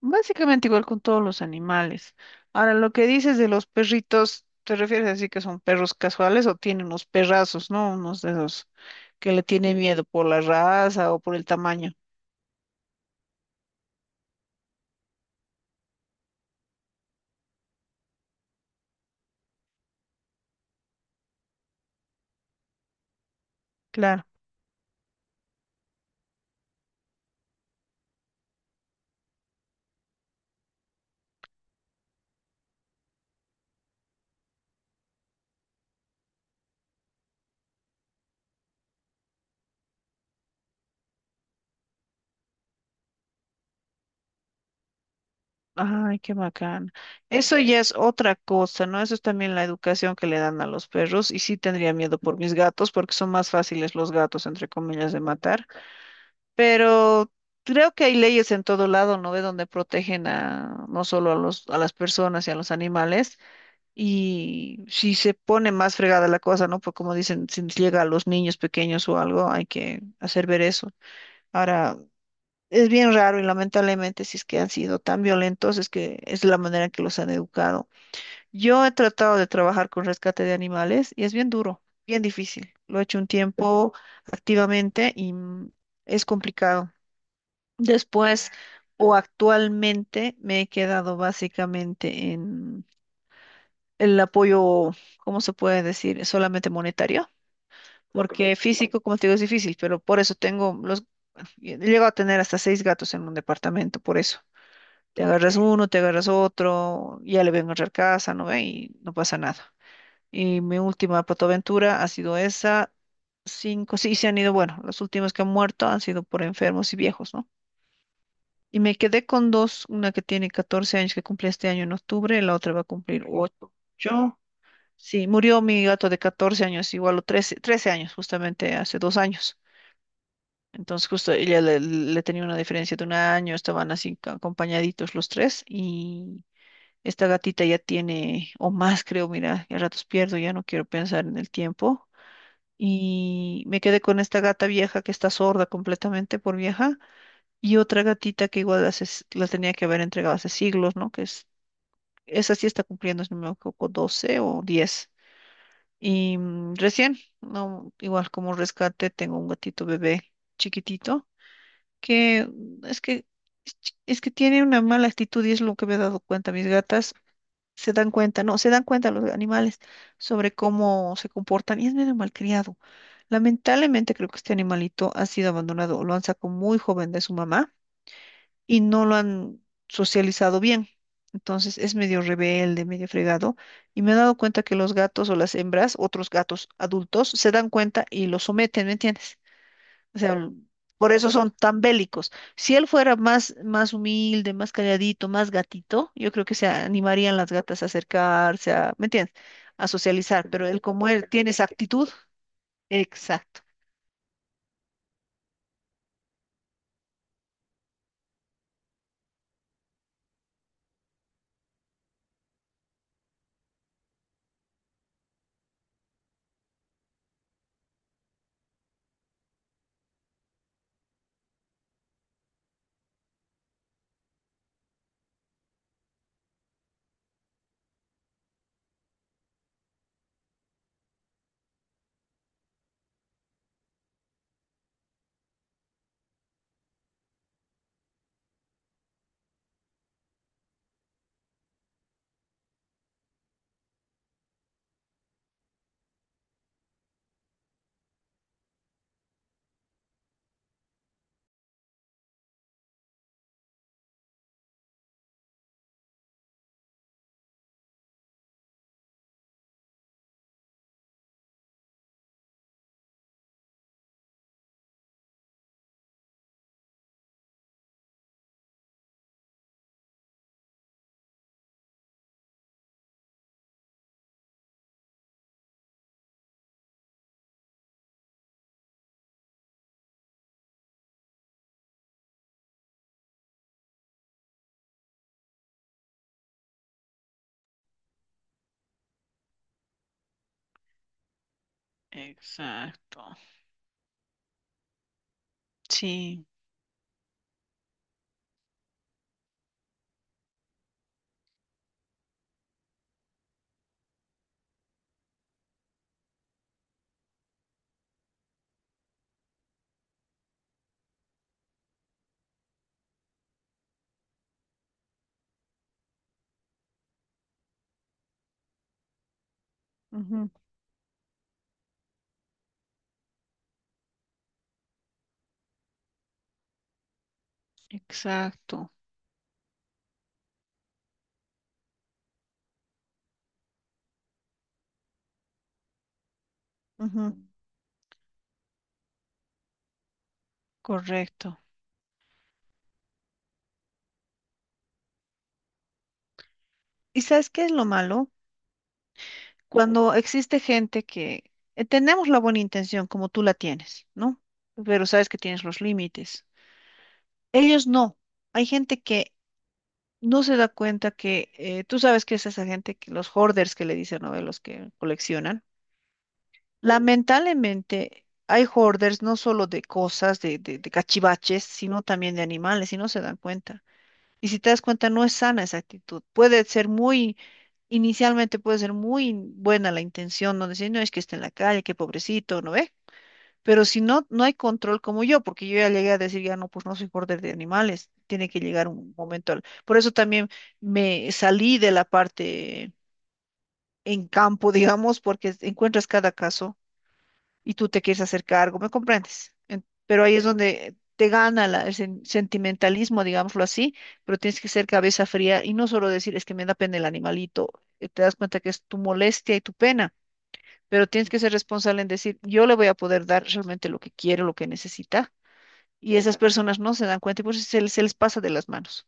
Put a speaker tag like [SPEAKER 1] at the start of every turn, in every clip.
[SPEAKER 1] Básicamente igual con todos los animales. Ahora, lo que dices de los perritos, ¿te refieres así que son perros casuales o tienen unos perrazos? ¿No? Unos de esos que le tienen miedo por la raza o por el tamaño. Claro. Ay, qué bacán. Eso ya es otra cosa, ¿no? Eso es también la educación que le dan a los perros. Y sí tendría miedo por mis gatos, porque son más fáciles los gatos, entre comillas, de matar. Pero creo que hay leyes en todo lado, ¿no? De donde protegen a, no solo a los, a las personas y a los animales. Y si se pone más fregada la cosa, ¿no? Pues como dicen, si nos llega a los niños pequeños o algo, hay que hacer ver eso. Ahora, es bien raro y lamentablemente si es que han sido tan violentos, es que es la manera en que los han educado. Yo he tratado de trabajar con rescate de animales y es bien duro, bien difícil. Lo he hecho un tiempo activamente y es complicado. Después o actualmente me he quedado básicamente el apoyo, ¿cómo se puede decir? Solamente monetario, porque físico, como te digo, es difícil, pero por eso tengo los, llego a tener hasta seis gatos en un departamento, por eso. Te agarras uno, te agarras otro, ya le voy a encontrar casa, ¿no ve? Y no pasa nada. Y mi última patoaventura ha sido esa, cinco, sí, se han ido, bueno, los últimos que han muerto han sido por enfermos y viejos, ¿no? Y me quedé con dos, una que tiene 14 años que cumple este año en octubre, la otra va a cumplir ocho. Sí, murió mi gato de 14 años, igual o 13 años, justamente hace 2 años. Entonces, justo ella le, le tenía una diferencia de un año, estaban así acompañaditos los tres y esta gatita ya tiene, o más creo, mira, a ratos pierdo, ya no quiero pensar en el tiempo. Y me quedé con esta gata vieja que está sorda completamente por vieja y otra gatita que igual hace la tenía que haber entregado hace siglos, ¿no? Que es, esa sí está cumpliendo, si no me equivoco, 12 o 10. Y recién, no, igual como rescate, tengo un gatito bebé chiquitito que es que es es que tiene una mala actitud y es lo que me he dado cuenta. Mis gatas se dan cuenta, no, se dan cuenta los animales sobre cómo se comportan y es medio malcriado. Lamentablemente creo que este animalito ha sido abandonado, lo han sacado muy joven de su mamá y no lo han socializado bien. Entonces es medio rebelde, medio fregado. Y me he dado cuenta que los gatos o las hembras, otros gatos adultos, se dan cuenta y lo someten, ¿me entiendes? O sea, por eso son tan bélicos. Si él fuera más, más humilde, más calladito, más gatito, yo creo que se animarían las gatas a acercarse, a, ¿me entiendes? A socializar. Pero él, como él tiene esa actitud, exacto. Exacto. Sí. Ujú, exacto. Ujú. Correcto. ¿Y sabes qué es lo malo? Cuando existe gente que tenemos la buena intención como tú la tienes, ¿no? Pero sabes que tienes los límites. Ellos no. Hay gente que no se da cuenta que tú sabes que es esa gente que los hoarders que le dicen, ¿no? De los que coleccionan. Lamentablemente hay hoarders no solo de cosas, de cachivaches, sino también de animales y no se dan cuenta. Y si te das cuenta, no es sana esa actitud. Puede ser muy, inicialmente puede ser muy buena la intención, no decir, no es que esté en la calle, qué pobrecito, ¿no ve? Pero si no, no hay control como yo, porque yo ya llegué a decir, ya no, pues no soy border de animales, tiene que llegar un momento. Por eso también me salí de la parte en campo, digamos, porque encuentras cada caso y tú te quieres hacer cargo, ¿me comprendes? Pero ahí es donde te gana el sentimentalismo, digámoslo así, pero tienes que ser cabeza fría y no solo decir es que me da pena el animalito, te das cuenta que es tu molestia y tu pena, pero tienes que ser responsable en decir yo le voy a poder dar realmente lo que quiere, lo que necesita y esas personas no se dan cuenta y por eso se les pasa de las manos.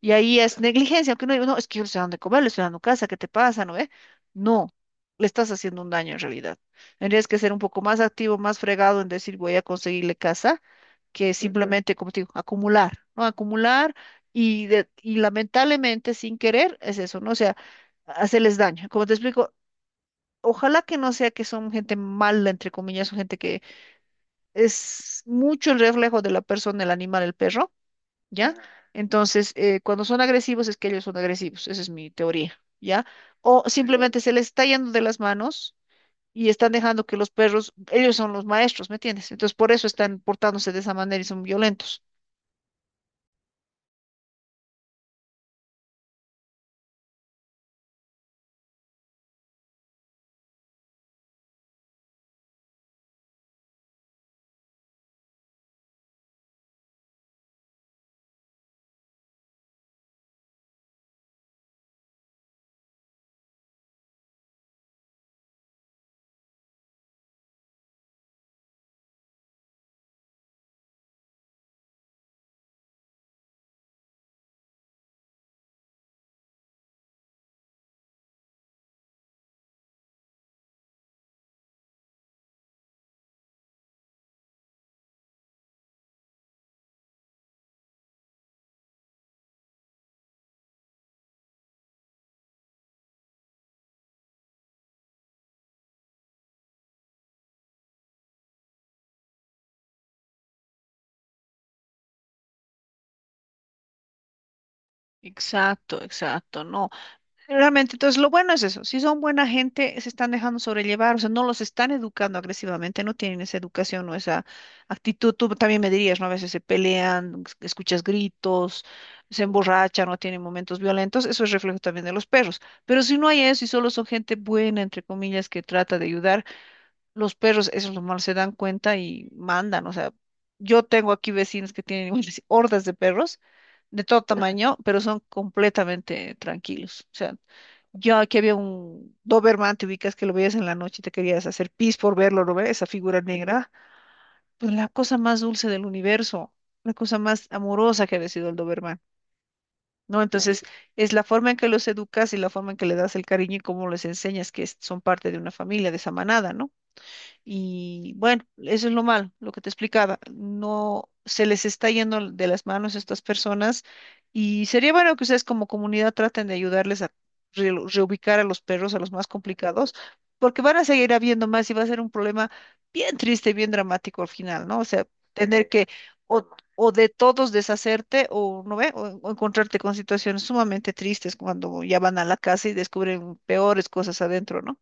[SPEAKER 1] Y ahí es negligencia, aunque no digo, no, es que yo le estoy dando de comer, le estoy dando casa, ¿qué te pasa? ¿No ve? No, le estás haciendo un daño en realidad. Tendrías que ser un poco más activo, más fregado en decir voy a conseguirle casa, que simplemente, como te digo, acumular, ¿no? Acumular y, y lamentablemente sin querer es eso, ¿no? O sea, hacerles daño. Como te explico, ojalá que no sea que son gente mala, entre comillas, o gente que es mucho el reflejo de la persona, el animal, el perro, ¿ya? Entonces, cuando son agresivos es que ellos son agresivos, esa es mi teoría, ¿ya? O simplemente se les está yendo de las manos y están dejando que los perros, ellos son los maestros, ¿me entiendes? Entonces, por eso están portándose de esa manera y son violentos. Exacto, exacto, no. Realmente, entonces lo bueno es eso, si son buena gente, se están dejando sobrellevar, o sea, no los están educando agresivamente, no tienen esa educación o esa actitud, tú también me dirías, ¿no? A veces se pelean, escuchas gritos, se emborrachan, no tienen momentos violentos, eso es reflejo también de los perros, pero si no hay eso y solo son gente buena, entre comillas, que trata de ayudar, los perros, eso es lo malo, se dan cuenta y mandan, o sea, yo tengo aquí vecinos que tienen hordas de perros de todo tamaño, pero son completamente tranquilos, o sea. Yo aquí había un Doberman, te ubicas que lo veías en la noche y te querías hacer pis por verlo, ¿no ves? Esa figura negra. Pues la cosa más dulce del universo, la cosa más amorosa que ha sido el Doberman, ¿no? Entonces, es la forma en que los educas y la forma en que le das el cariño y cómo les enseñas que son parte de una familia, de esa manada, ¿no? Y bueno, eso es lo malo, lo que te explicaba. No se les está yendo de las manos a estas personas y sería bueno que ustedes como comunidad traten de ayudarles a reubicar a los perros, a los más complicados, porque van a seguir habiendo más y va a ser un problema bien triste, bien dramático al final, ¿no? O sea, tener que o, o de todos deshacerte o no ve, o encontrarte con situaciones sumamente tristes cuando ya van a la casa y descubren peores cosas adentro, ¿no?